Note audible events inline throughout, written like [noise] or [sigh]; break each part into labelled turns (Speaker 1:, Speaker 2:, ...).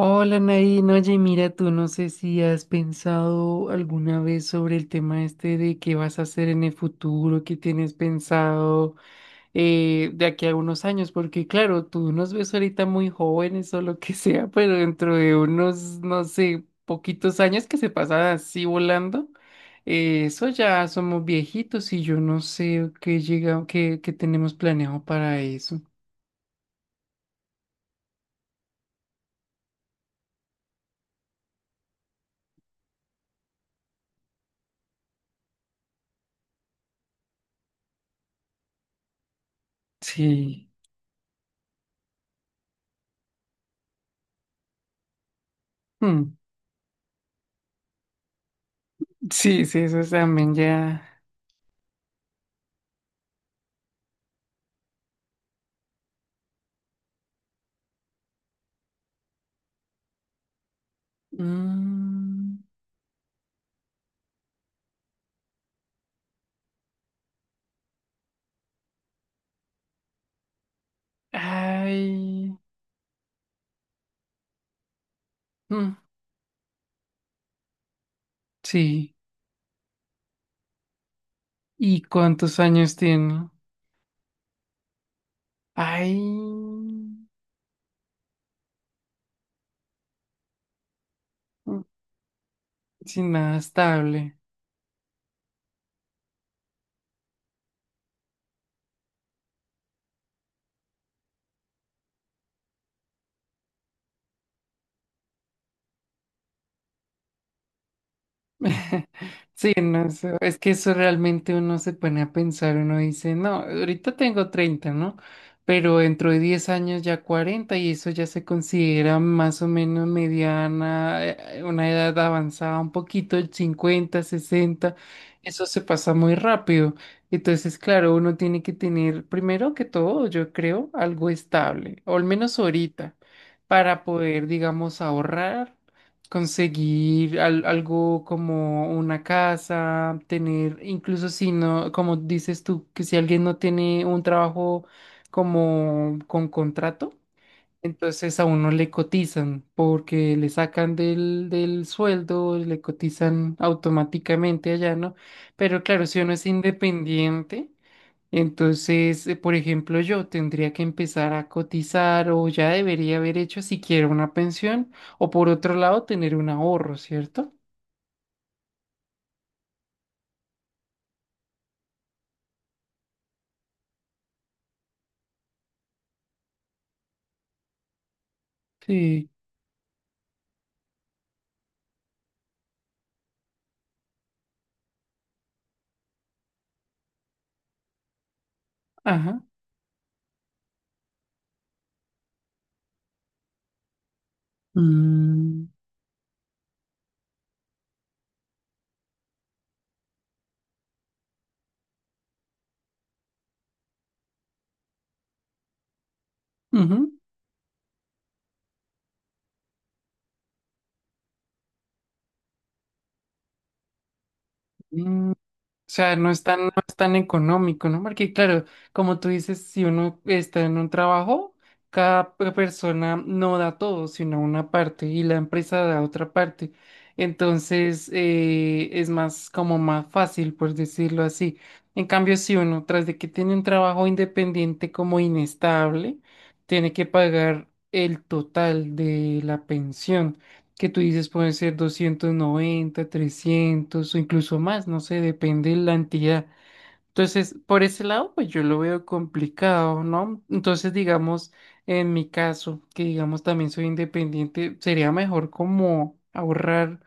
Speaker 1: Hola Nadine, oye, mira, tú no sé si has pensado alguna vez sobre el tema este de qué vas a hacer en el futuro, qué tienes pensado de aquí a unos años, porque claro, tú nos ves ahorita muy jóvenes o lo que [laughs] sea, pero dentro de unos, no sé, poquitos años que se pasan así volando, eso ya somos viejitos y yo no sé qué llega, qué tenemos planeado para eso. Sí. Mm. Sí, sí, eso también ya. Mm, ay, mm, sí. ¿Y cuántos años tiene? Ay, mm, sin nada estable. [laughs] Sí, no, es que eso realmente uno se pone a pensar, uno dice, no, ahorita tengo 30, ¿no? Pero dentro de 10 años ya 40 y eso ya se considera más o menos mediana, una edad avanzada, un poquito, el 50, 60, eso se pasa muy rápido. Entonces, claro, uno tiene que tener, primero que todo, yo creo, algo estable, o al menos ahorita, para poder, digamos, ahorrar conseguir algo como una casa, tener, incluso si no, como dices tú, que si alguien no tiene un trabajo como con contrato, entonces a uno le cotizan porque le sacan del sueldo, le cotizan automáticamente allá, ¿no? Pero claro, si uno es independiente. Entonces, por ejemplo, yo tendría que empezar a cotizar o ya debería haber hecho siquiera una pensión o por otro lado tener un ahorro, ¿cierto? Sí. Ajá. Mm. Ujú. O sea, no es tan económico, ¿no? Porque claro, como tú dices, si uno está en un trabajo, cada persona no da todo, sino una parte y la empresa da otra parte. Entonces, es más como más fácil, por decirlo así. En cambio, si uno, tras de que tiene un trabajo independiente como inestable, tiene que pagar el total de la pensión que tú dices pueden ser 290 300 o incluso más, no sé, depende de la entidad. Entonces, por ese lado, pues yo lo veo complicado, ¿no? Entonces, digamos, en mi caso, que digamos también soy independiente, sería mejor como ahorrar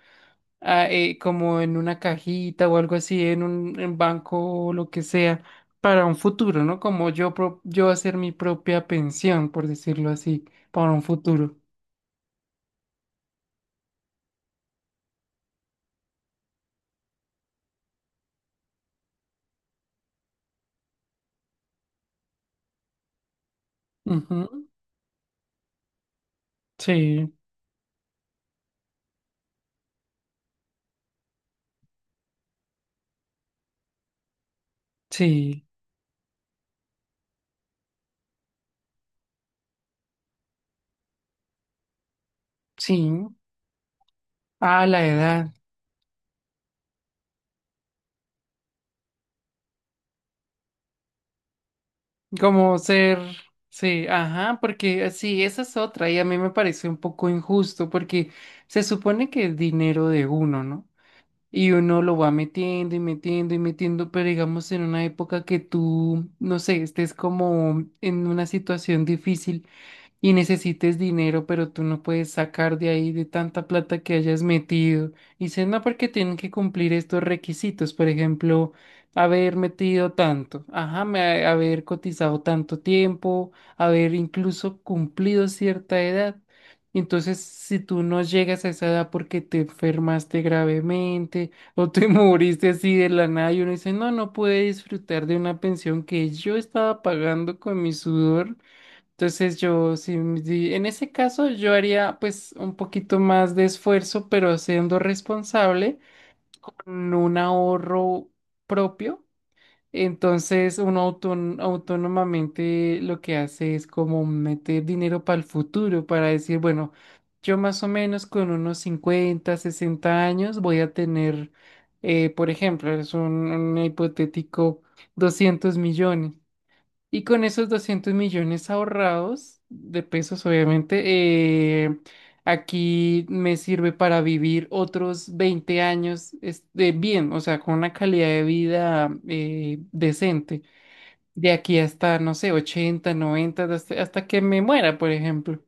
Speaker 1: como en una cajita o algo así, en un en banco o lo que sea, para un futuro, ¿no? Como yo, yo hacer mi propia pensión, por decirlo así, para un futuro. Ujú. Sí, sí. Sí, a la edad, como ser, sí, ajá, porque sí, esa es otra y a mí me parece un poco injusto porque se supone que es dinero de uno, ¿no? Y uno lo va metiendo y metiendo y metiendo, pero digamos en una época que tú, no sé, estés como en una situación difícil y necesites dinero, pero tú no puedes sacar de ahí de tanta plata que hayas metido. Y dices, no, porque tienen que cumplir estos requisitos, por ejemplo, haber metido tanto, ajá, haber cotizado tanto tiempo, haber incluso cumplido cierta edad. Entonces, si tú no llegas a esa edad porque te enfermaste gravemente o te [laughs] moriste así de la nada y uno dice, no, no puede disfrutar de una pensión que yo estaba pagando con mi sudor. Entonces yo, sí, en ese caso yo haría pues un poquito más de esfuerzo, pero siendo responsable con un ahorro propio. Entonces uno autónomamente lo que hace es como meter dinero para el futuro, para decir, bueno, yo más o menos con unos 50 60 años voy a tener, por ejemplo, un hipotético 200 millones. Y con esos 200 millones ahorrados de pesos, obviamente, aquí me sirve para vivir otros 20 años este, bien, o sea, con una calidad de vida decente. De aquí hasta, no sé, 80 90 hasta que me muera, por ejemplo.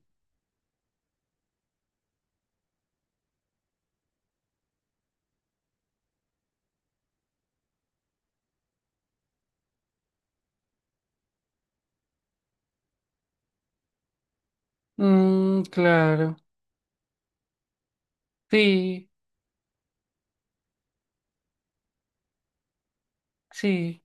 Speaker 1: Mm, claro. Sí, sí,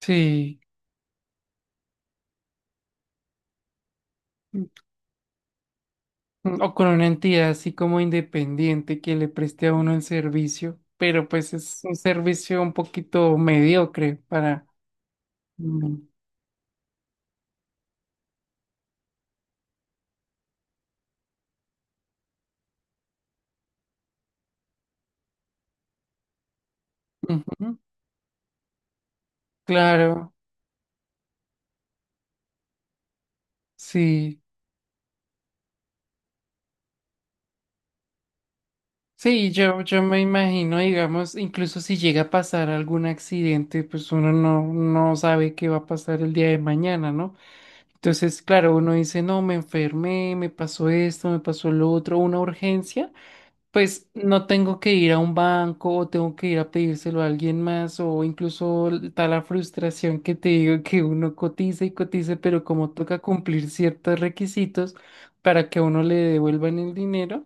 Speaker 1: sí. O con una entidad así como independiente que le preste a uno el servicio, pero pues es un servicio un poquito mediocre para... Mm. Ujú. Claro, sí. Sí, yo me imagino, digamos, incluso si llega a pasar algún accidente, pues uno no sabe qué va a pasar el día de mañana, ¿no? Entonces, claro, uno dice, no, me enfermé, me pasó esto, me pasó lo otro, una urgencia. Pues no tengo que ir a un banco o tengo que ir a pedírselo a alguien más o incluso está la frustración que te digo que uno cotiza y cotiza, pero como toca cumplir ciertos requisitos para que a uno le devuelvan el dinero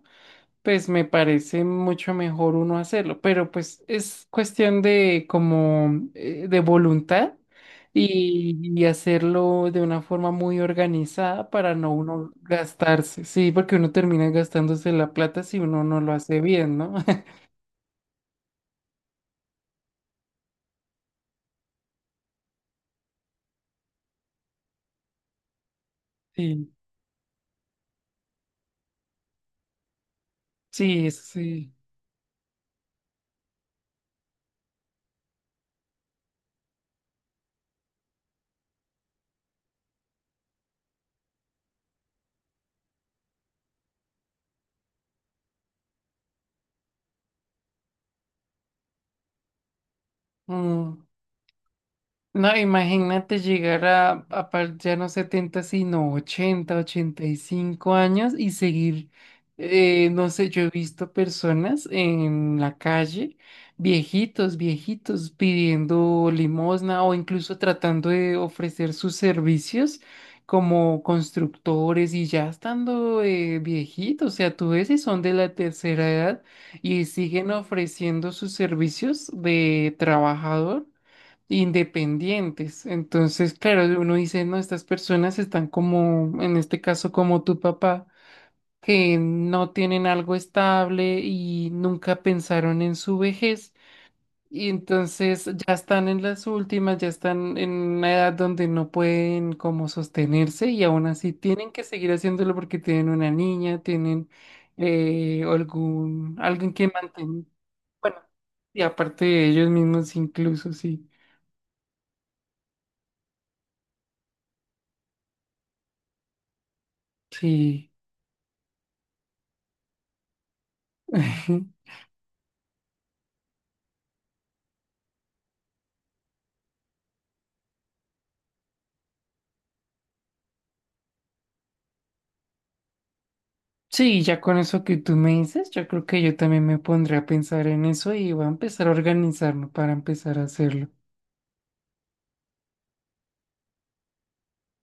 Speaker 1: pues me parece mucho mejor uno hacerlo, pero pues es cuestión de como de voluntad y hacerlo de una forma muy organizada para no uno gastarse, sí, porque uno termina gastándose la plata si uno no lo hace bien, ¿no? [laughs] Sí, sí, eso sí. Mm. No, imagínate llegar a ya no 70 sino 80 85 años y seguir, no sé, yo he visto personas en la calle, viejitos, viejitos, pidiendo limosna o incluso tratando de ofrecer sus servicios como constructores y ya estando viejitos, o sea, tú ves y son de la tercera edad y siguen ofreciendo sus servicios de trabajador independientes. Entonces, claro, uno dice, no, estas personas están como, en este caso, como tu papá, que no tienen algo estable y nunca pensaron en su vejez. Y entonces ya están en las últimas, ya están en una edad donde no pueden como sostenerse y aún así tienen que seguir haciéndolo porque tienen una niña, tienen alguien que mantener. Bueno, y aparte de ellos mismos incluso, sí, sí. [laughs] Ujú. Sí, ya con eso que tú me dices, yo creo que yo también me pondré a pensar en eso y voy a empezar a organizarme para empezar a hacerlo.